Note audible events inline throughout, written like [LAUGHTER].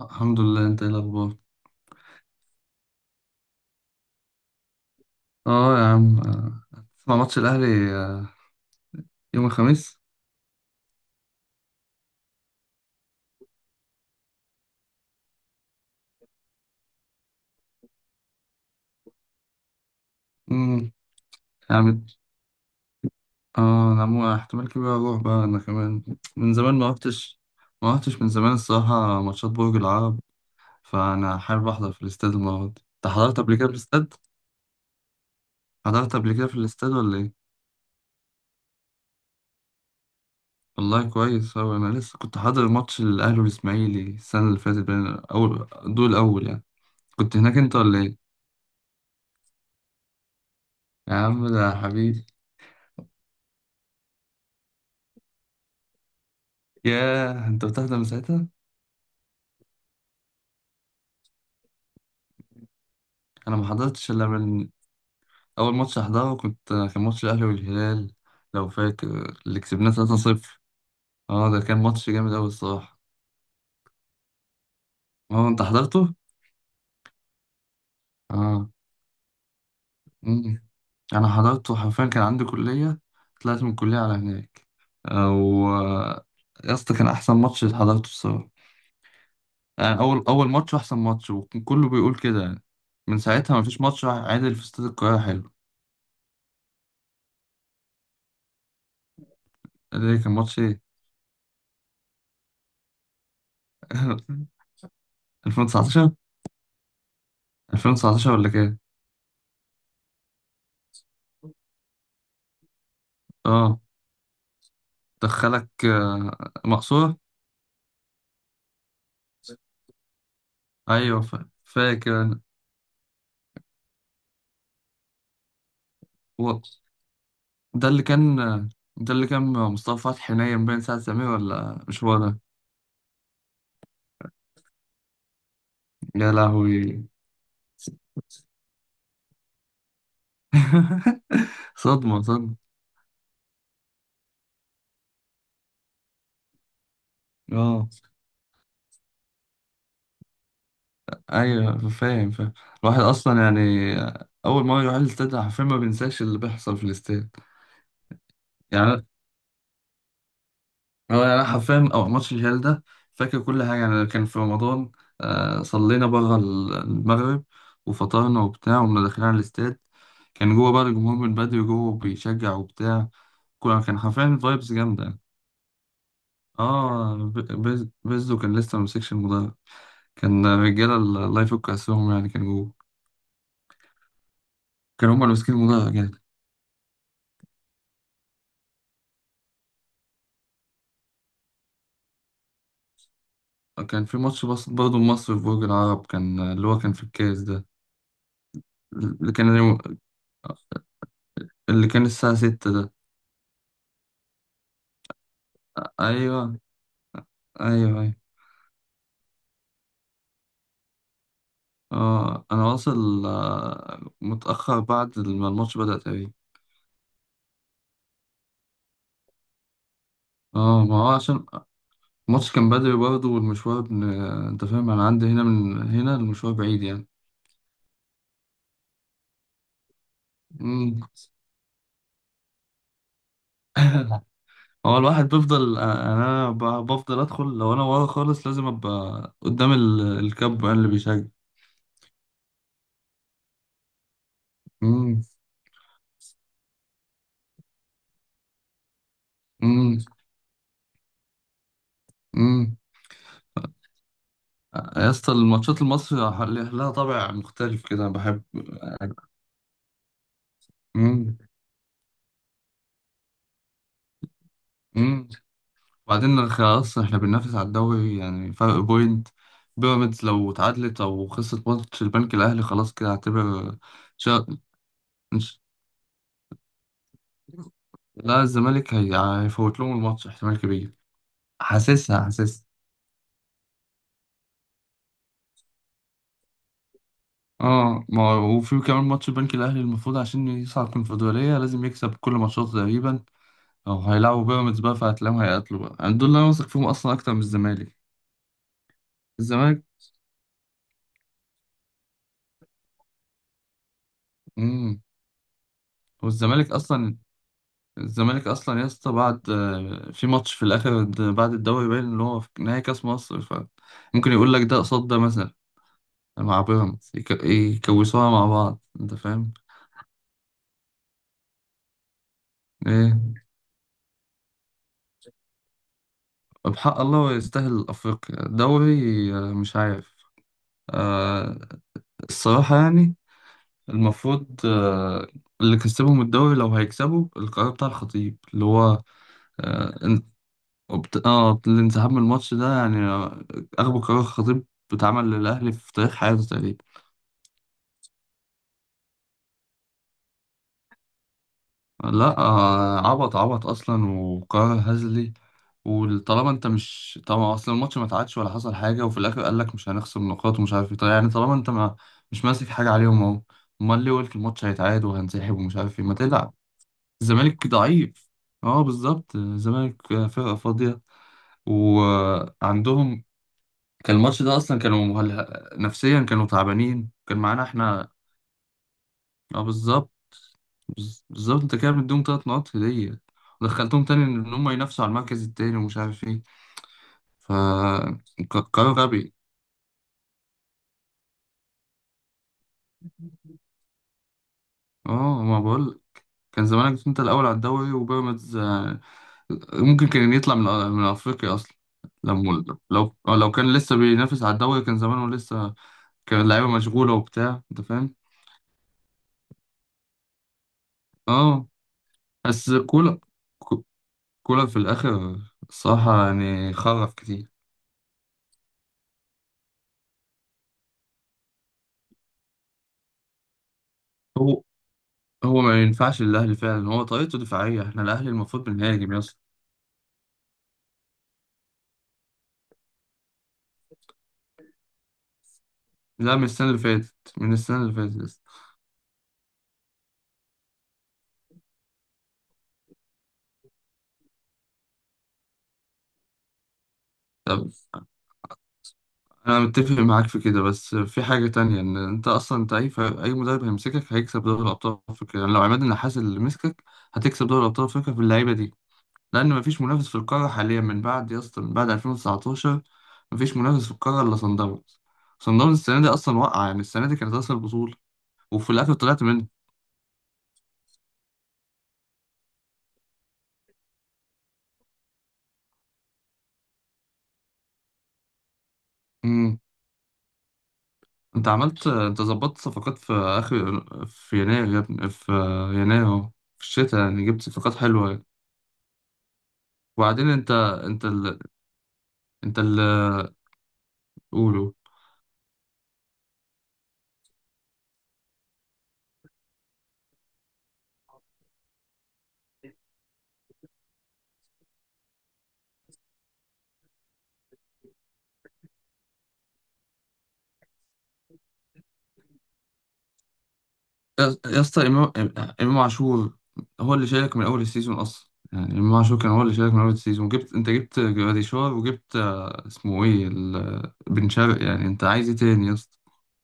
الحمد لله، انت ايه الاخبار؟ اه يا عم، هتسمع ماتش الاهلي آه، يوم الخميس. امم. يا عم. اه، انا مو احتمال كبير اروح بقى انا كمان. من زمان ما رحتش. ما رحتش من زمان الصراحه، ماتشات برج العرب. فانا حابب احضر في الاستاد المره دي. انت حضرت قبل كده في الاستاد؟ حضرت قبل كده في الاستاد ولا ايه؟ والله كويس أوي، أنا لسه كنت حاضر ماتش الأهلي والإسماعيلي السنة اللي فاتت. بين أول دول أول يعني. كنت هناك أنت ولا إيه؟ يا عم ده حبيبي. ياه أنت بتحضر من ساعتها؟ انا ما حضرتش الا من اول ماتش احضره. كنت كان ماتش الاهلي والهلال، لو فاكر، اللي كسبناه 3-0. اه ده كان ماتش جامد قوي الصراحه. اه انت حضرته؟ اه، أمم. انا حضرته حرفيا، كان عندي كليه، طلعت من الكليه على هناك. او، يا اسطى كان احسن ماتش اللي حضرته الصراحه. يعني اول اول ماتش واحسن ماتش، وكان كله بيقول كده يعني. من ساعتها ما فيش ماتش واحد عادل في استاد القاهره. حلو. ده كان ماتش ايه؟ [LAUGHS] 2019. 2019 ولا كام؟ اه، دخلك مقصورة؟ أيوة، فاكر أنا. و- ده اللي كان ده اللي كان مصطفى فتحي نايم بين ساعة سمير، ولا مش هو ده؟ يا لهوي. [LAUGHS] صدمة صدمة. اه، ايوه فاهم فاهم. الواحد اصلا يعني اول ما يروح الاستاد حرفيا ما بينساش اللي بيحصل في الاستاد يعني. هو يعني انا حرفيا او ماتش الهلال ده، فاكر كل حاجه. يعني كان في رمضان، آه صلينا بره المغرب وفطرنا وبتاع، وكنا داخلين على الاستاد. كان جوه بقى الجمهور من بدري، جوه بيشجع وبتاع. كان حرفيا فايبس جامده يعني. اه، بيزو كان لسه ممسكش المدرج، كان رجاله الله يفك اسرهم، يعني كان جوه. كانوا هما اللي ماسكين المدرج يعني. كان في ماتش بس برضه مصر في برج العرب، كان اللي هو كان في الكاس ده. اللي كان اللي كان الساعة ستة ده. أيوة. ايوه ايوه. اه، انا واصل متأخر بعد ما الماتش بدأ تقريبا. اه ما هو عشان الماتش كان بدري برضه، والمشوار انت فاهم، انا عندي هنا من هنا المشوار بعيد يعني. مم. [LAUGHS] هو الواحد بيفضل يعني انا بفضل ادخل. لو انا ورا خالص لازم ابقى قدام الكاب اللي بيشجع. امم. امم. امم يا اسطى، الماتشات المصري لها طابع مختلف كده أنا بحب. امم. وبعدين خلاص احنا بننافس على الدوري، يعني فرق بوينت. بيراميدز لو اتعادلت او خسرت ماتش البنك الاهلي خلاص كده هعتبر. شا... مش... لا الزمالك هيفوت لهم الماتش احتمال كبير. حاسسها حاسسها. اه ما هو- وفي كمان ماتش البنك الاهلي المفروض عشان يصعد الكونفدراليه لازم يكسب كل ماتشاته تقريبا. او هيلعبوا بيراميدز بقى، فهتلاقيهم هيقاتلوا بقى يعني. دول اللي انا واثق فيهم اصلا اكتر من الزمالك. الزمالك. امم. والزمالك اصلا، الزمالك اصلا يا اسطى، بعد في ماتش في الاخر بعد الدوري باين اللي هو في نهائي كاس مصر، فممكن يقول لك ده قصاد ده، مثلا مع بيراميدز، يكوسوها مع بعض، انت فاهم. ايه بحق الله هو يستاهل افريقيا دوري؟ مش عارف. آه، الصراحة يعني. المفروض اللي كسبهم الدوري لو هيكسبوا القرار بتاع الخطيب اللي هو، اه الانسحاب من الماتش ده يعني، اغبى قرار خطيب اتعمل للاهلي في تاريخ حياته تقريبا. لا عبط عبط اصلا، وقرار هزلي. وطالما انت مش طبعا اصلا الماتش ما اتعادش ولا حصل حاجه، وفي الاخر قال لك مش هنخصم نقاط ومش عارف ايه. طيب يعني طالما انت ما مش ماسك حاجه عليهم اهو، امال ليه قلت الماتش هيتعاد وهنسحب ومش عارف ايه؟ ما تلعب. الزمالك ضعيف. اه بالظبط، الزمالك فرقه فاضيه، وعندهم كان الماتش ده اصلا، كانوا نفسيا كانوا تعبانين، كان معانا احنا. اه بالظبط. بالظبط انت كده مديهم تلات نقط هدية، ودخلتهم تاني ان هم ينافسوا على المركز التاني ومش عارف ايه. ف قرار غبي. اه ما بقول، كان زمانك انت الاول على الدوري، وبيراميدز ممكن كان يطلع من افريقيا اصلا. لو لو كان لسه بينافس على الدوري كان زمانه لسه كان اللعيبه مشغوله وبتاع، انت فاهم. اه بس كولر، كو- كولر في الاخر الصراحه يعني خرف كتير. هو هو ما ينفعش للأهلي فعلا، هو طريقته دفاعية، احنا الأهلي المفروض بنهاجم يا اسطى. لا من السنة اللي فاتت، من السنة اللي فاتت يا اسطى. طب أنا متفق معاك في كده، بس في حاجة تانية، إن أنت أصلا أنت أي مدرب هيمسكك هيكسب دوري الأبطال أفريقيا. يعني لو عماد النحاس اللي مسكك هتكسب دوري الأبطال أفريقيا باللعيبة دي. لأن مفيش منافس في القارة حاليا من بعد يا اسطى، من بعد 2019 مفيش منافس في القارة إلا صن داونز. صن داونز السنة دي أصلا وقع، يعني السنة دي كانت أصل البطولة، وفي الآخر طلعت منه. انت عملت، انت ظبطت صفقات في اخر في يناير يا ابني، يناير اهو، في الشتاء يعني، جبت صفقات حلوه يعني. وبعدين انت ال... انت اللي قوله. يا اسطى، امام عاشور هو اللي شارك من اول السيزون اصلا. يعني امام عاشور كان هو اللي شارك من اول السيزون. انت جبت جراديشار، وجبت اسمه ايه بن شرقي. يعني انت عايز ايه تاني يا اسطى؟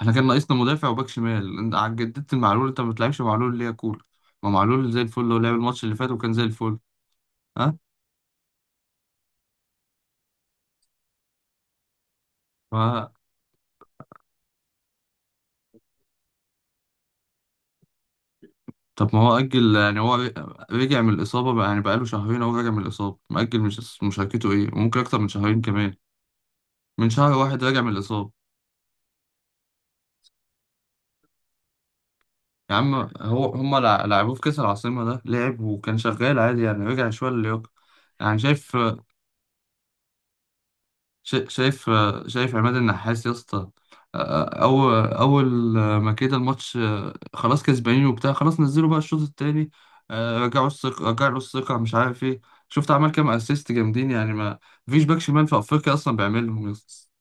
احنا كان ناقصنا مدافع وباك شمال، انت جددت المعلول. انت ما بتلعبش معلول ليه يا كول؟ ما معلول زي الفل، هو لعب الماتش اللي فات وكان زي الفل. ها. ف... طب ما هو أجل يعني، هو رجع من الإصابة بقى، يعني بقاله شهرين هو راجع من الإصابة، مأجل مش مشاركته إيه، وممكن أكتر من شهرين كمان. من شهر واحد راجع من الإصابة. يا عم هو هما لعبوه في كأس العاصمة ده، لعب وكان شغال عادي يعني، رجع شوية للياقة. يعني شايف، شا- شايف شايف عماد النحاس يا اسطى. أول ما كده الماتش خلاص كسبانين وبتاع، خلاص نزلوا بقى الشوط التاني رجعوا الثقة رجعوا الثقة مش عارف إيه. شفت عمل كام أسيست جامدين يعني؟ ما مفيش باك شمال في أفريقيا أصلا بيعملهم يا اسطى.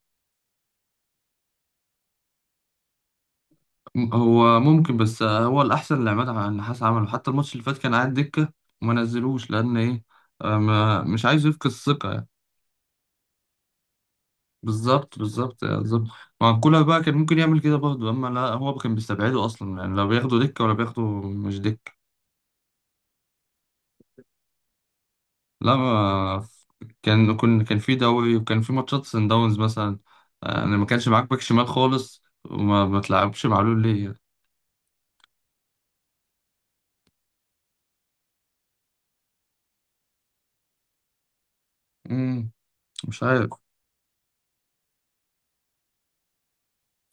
هو ممكن، بس هو الأحسن اللي عماد النحاس عمله. حتى الماتش اللي فات كان قاعد دكة وما نزلوش لأن إيه؟ ما مش عايز يفقد الثقة يعني. بالظبط بالظبط بالظبط، ما كولر بقى كان ممكن يعمل كده برضه، اما لا هو كان بيستبعده اصلا يعني، لا بياخده دكه ولا بياخده مش دكه. لا ما كان في دوري وكان في ماتشات سان داونز مثلا. انا ما كانش معاك باك شمال خالص، وما ما تلعبش معلول ليه يعني. امم مش عارف.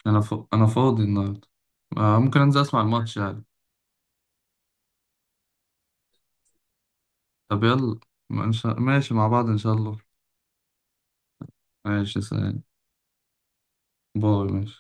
انا انا فاضي النهارده. ممكن انزل اسمع الماتش يعني. طب يلا، ما إن شاء- ماشي مع بعض ان شاء الله. ماشي سلام. باي ماشي.